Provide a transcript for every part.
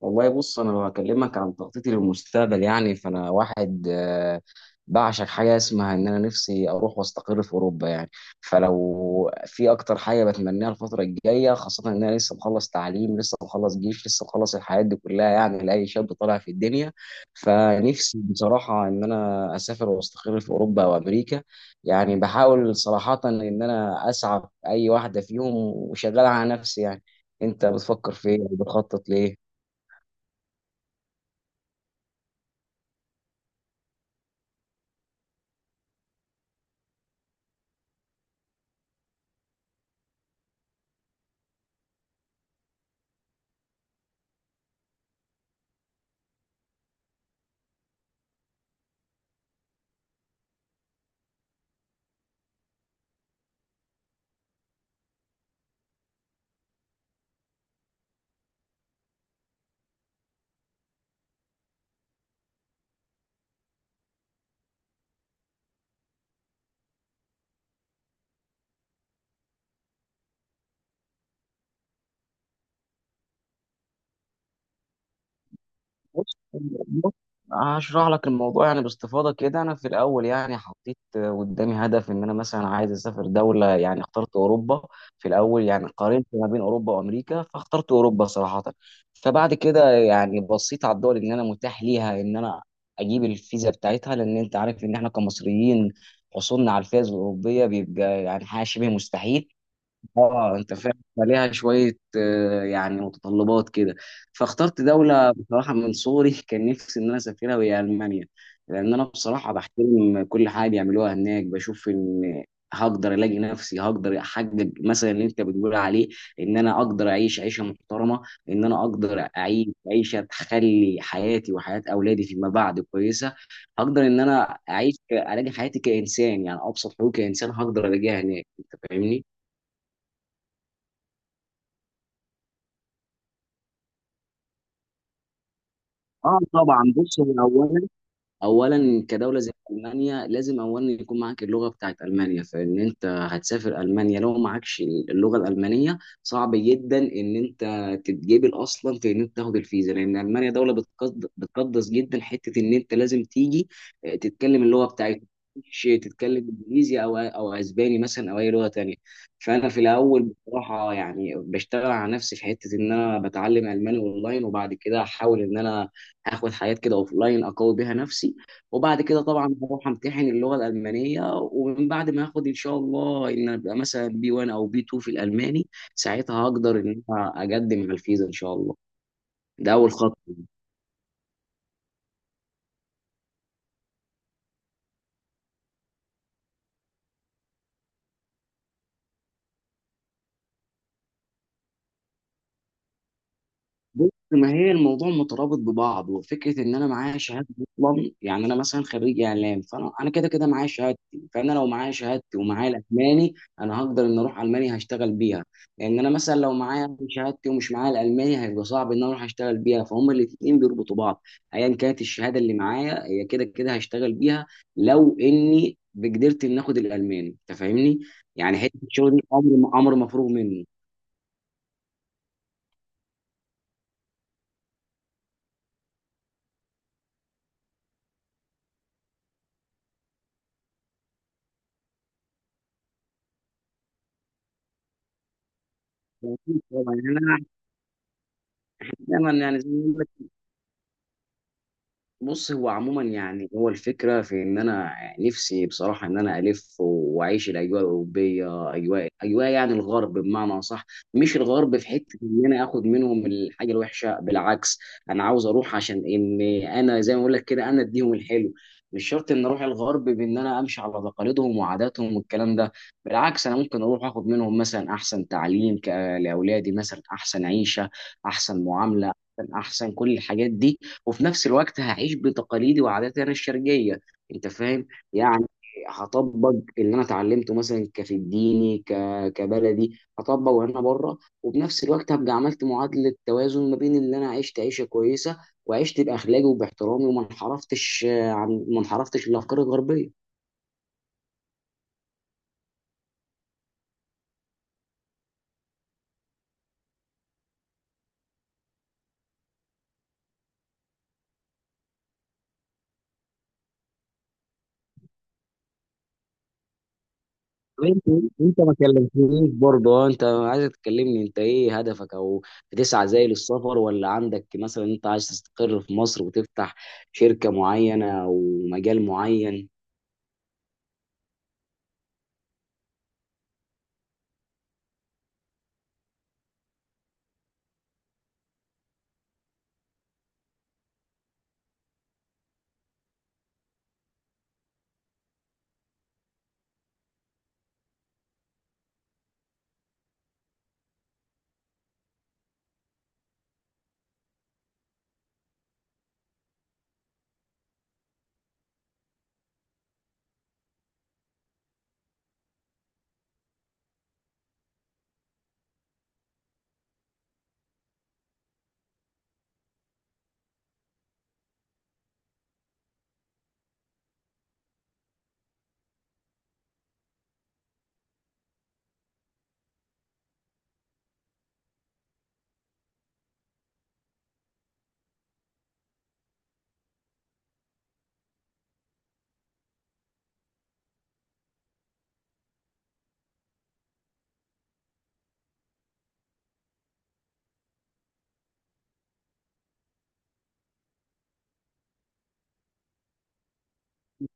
والله، بص، انا لو هكلمك عن تخطيطي للمستقبل يعني فانا واحد بعشق حاجه اسمها ان انا نفسي اروح واستقر في اوروبا يعني. فلو في اكتر حاجه بتمنيها الفتره الجايه، خاصه ان انا لسه مخلص تعليم، لسه مخلص جيش، لسه مخلص الحياه دي كلها، يعني لاي شاب طالع في الدنيا. فنفسي بصراحه ان انا اسافر واستقر في اوروبا وامريكا، يعني بحاول صراحه ان انا اسعى في اي واحده فيهم وشغال على نفسي يعني. انت بتفكر في ايه وبتخطط ليه؟ بص بص، هشرح لك الموضوع يعني باستفاضه كده. انا في الاول يعني حطيت قدامي هدف ان انا مثلا عايز اسافر دوله، يعني اخترت اوروبا. في الاول يعني قارنت ما بين اوروبا وامريكا فاخترت اوروبا صراحه. فبعد كده يعني بصيت على الدول ان انا متاح ليها ان انا اجيب الفيزا بتاعتها، لان انت عارف ان احنا كمصريين حصولنا على الفيزا الاوروبيه بيبقى يعني حاجه شبه مستحيل. اه، انت فاهم، فليها شويه يعني متطلبات كده. فاخترت دوله بصراحه من صغري كان نفسي ان انا اسافرها، وهي المانيا. لان انا بصراحه بحترم كل حاجه بيعملوها هناك، بشوف ان هقدر الاقي نفسي، هقدر احقق مثلا اللي انت بتقول عليه. ان انا اقدر اعيش عيشه محترمه، ان انا اقدر اعيش عيشه تخلي حياتي وحياه اولادي فيما بعد كويسه. هقدر ان انا اعيش الاقي حياتي كانسان، يعني ابسط حقوقي كانسان هقدر الاقيها هناك. انت فاهمني؟ آه طبعًا، بُص، هو أولًا كدوله زي المانيا لازم اولا يكون معاك اللغه بتاعت المانيا. فان انت هتسافر المانيا لو معكش اللغه الالمانيه صعب جدا ان انت تتجبل اصلا في ان انت تاخد الفيزا. لان المانيا دوله بتقدس جدا حته ان انت لازم تيجي تتكلم اللغه بتاعتهم، مش تتكلم انجليزي او اسباني مثلا او اي لغه تانية. فانا في الاول بصراحه يعني بشتغل على نفسي في حته ان انا بتعلم الماني اونلاين، وبعد كده احاول ان انا هاخد حاجات كده اوف لاين اقوي بيها نفسي. وبعد كده طبعا هروح امتحن اللغه الالمانيه، ومن بعد ما اخد ان شاء الله ان ابقى مثلا بي 1 او بي 2 في الالماني، ساعتها هقدر ان انا اقدم على الفيزا ان شاء الله. ده اول خطوه. بص، ما هي الموضوع مترابط ببعض. وفكره ان انا معايا شهاده اصلا، يعني انا مثلا خريج اعلام، فانا كده كده معايا شهادتي. فانا لو معايا شهادتي ومعايا الالماني انا هقدر ان اروح المانيا هشتغل بيها. لان انا مثلا لو معايا شهادتي ومش معايا الالماني هيبقى صعب ان انا اروح اشتغل بيها، فهم الاثنين بيربطوا بعض. ايا كانت الشهاده اللي معايا هي كده كده هشتغل بيها لو اني بقدرت ان اخد الالماني. انت فاهمني؟ يعني حته الشغل دي امر مفروغ منه. يعني انا احيانا، يعني زي ما بقول لك، بص، هو عموما يعني هو الفكره في ان انا نفسي بصراحه ان انا الف واعيش الاجواء الاوروبيه، اجواء اجواء يعني الغرب بمعنى اصح. مش الغرب في حته ان انا اخد منهم الحاجه الوحشه، بالعكس. انا عاوز اروح عشان ان انا زي ما اقول لك كده انا اديهم الحلو. مش شرط ان اروح الغرب بان انا امشي على تقاليدهم وعاداتهم والكلام ده، بالعكس. انا ممكن اروح اخد منهم مثلا احسن تعليم لاولادي، مثلا احسن عيشه، احسن معامله، أحسن كل الحاجات دي. وفي نفس الوقت هعيش بتقاليدي وعاداتي انا الشرقيه. انت فاهم؟ يعني هطبق اللي انا اتعلمته مثلا كفي الديني، كبلدي هطبق وانا بره. وبنفس الوقت هبقى عملت معادله توازن ما بين اللي انا عشت عيشه كويسه، وعشت باخلاقي وباحترامي، وما انحرفتش عن، ما انحرفتش للافكار الغربيه. انت انت ما كلمتنيش برضه. اه انت عايز تكلمني، انت ايه هدفك؟ او بتسعى زي للسفر؟ ولا عندك مثلا انت عايز تستقر في مصر وتفتح شركة معينة او مجال معين؟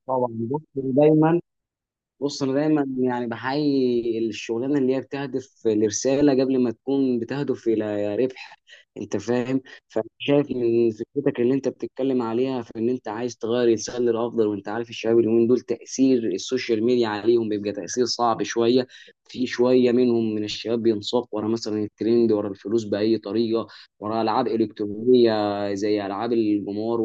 طبعا. بص انا دايما يعني بحيي الشغلانه اللي هي بتهدف لرساله قبل ما تكون بتهدف الى ربح. انت فاهم؟ فشايف من فكرتك اللي انت بتتكلم عليها في ان انت عايز تغير الانسان للافضل. وانت عارف الشباب اليومين دول تاثير السوشيال ميديا عليهم بيبقى تاثير صعب شويه. في شويه منهم من الشباب بينساق ورا مثلا الترند، ورا الفلوس باي طريقه، ورا العاب الكترونيه زي العاب الجمار،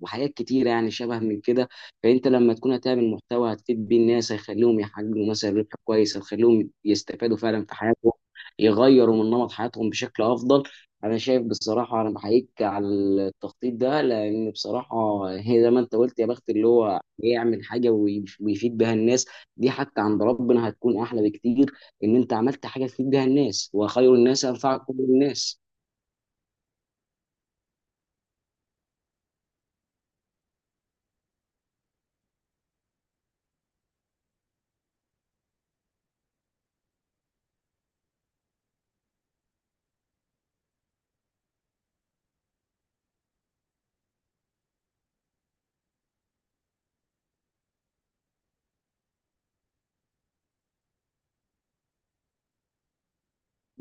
وحاجات كتيره يعني شبه من كده. فانت لما تكون هتعمل محتوى هتفيد بيه الناس، هيخليهم يحققوا مثلا ربح كويس، هيخليهم يستفادوا فعلا في حياتهم، يغيروا من نمط حياتهم بشكل افضل. انا شايف بصراحه، انا بحييك على التخطيط ده. لان بصراحه هي زي ما انت قلت، يا بخت اللي هو يعمل حاجه ويفيد بها الناس. دي حتى عند ربنا هتكون احلى بكتير، ان انت عملت حاجه تفيد بها الناس، وخير الناس انفعكم للناس.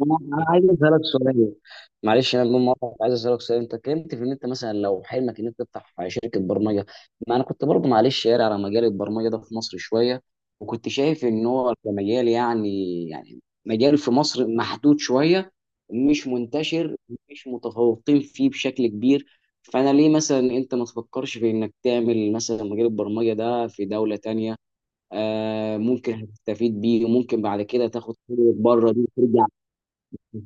أنا عايز اسالك سؤال. معلش انا بدون مقاطعه عايز اسالك سؤال. انت اتكلمت في ان انت مثلا لو حلمك ان انت تفتح شركه برمجه، ما انا كنت برضه معلش قاري على مجال البرمجه ده في مصر شويه، وكنت شايف ان هو كمجال يعني مجال في مصر محدود شويه، مش منتشر، مش متفوقين فيه بشكل كبير. فانا ليه مثلا انت ما تفكرش في انك تعمل مثلا مجال البرمجه ده في دوله تانية؟ ممكن هتستفيد بيه، وممكن بعد كده تاخد خبرة بره دي وترجع.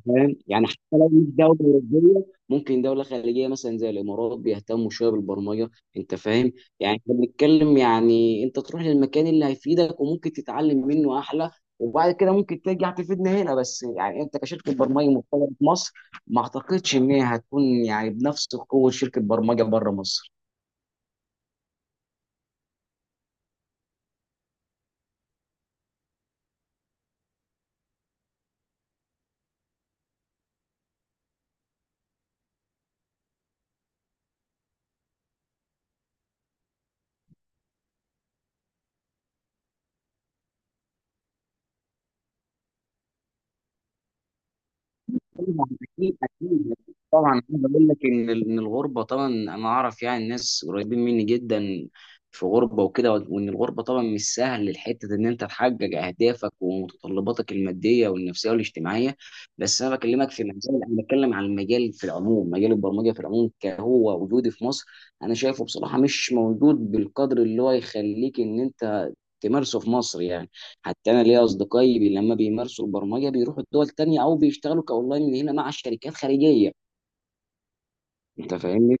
فاهم؟ يعني حتى لو مش دوله اوروبيه ممكن دوله خليجيه مثلا زي الامارات بيهتموا شويه بالبرمجه. انت فاهم؟ يعني احنا بنتكلم، يعني انت تروح للمكان اللي هيفيدك وممكن تتعلم منه احلى، وبعد كده ممكن ترجع تفيدنا هنا. بس يعني انت كشركه برمجه محترمه في مصر، ما اعتقدش ان هي هتكون يعني بنفس قوه شركه برمجه بره مصر. طبعا. اكيد، اكيد. طبعا عايز اقول لك ان الغربه طبعا انا اعرف يعني ناس قريبين مني جدا في غربه وكده. وان الغربه طبعا مش سهل الحته ان انت تحقق اهدافك ومتطلباتك الماديه والنفسيه والاجتماعيه. بس انا بكلمك في مجال، انا بتكلم عن المجال في العموم، مجال البرمجه في العموم، كهو وجودي في مصر انا شايفه بصراحه مش موجود بالقدر اللي هو يخليك ان انت تمارسه في مصر يعني. حتى انا ليا اصدقائي لما بيمارسوا البرمجه بيروحوا الدول تانية او بيشتغلوا كاونلاين من هنا مع شركات خارجيه. انت فاهمني؟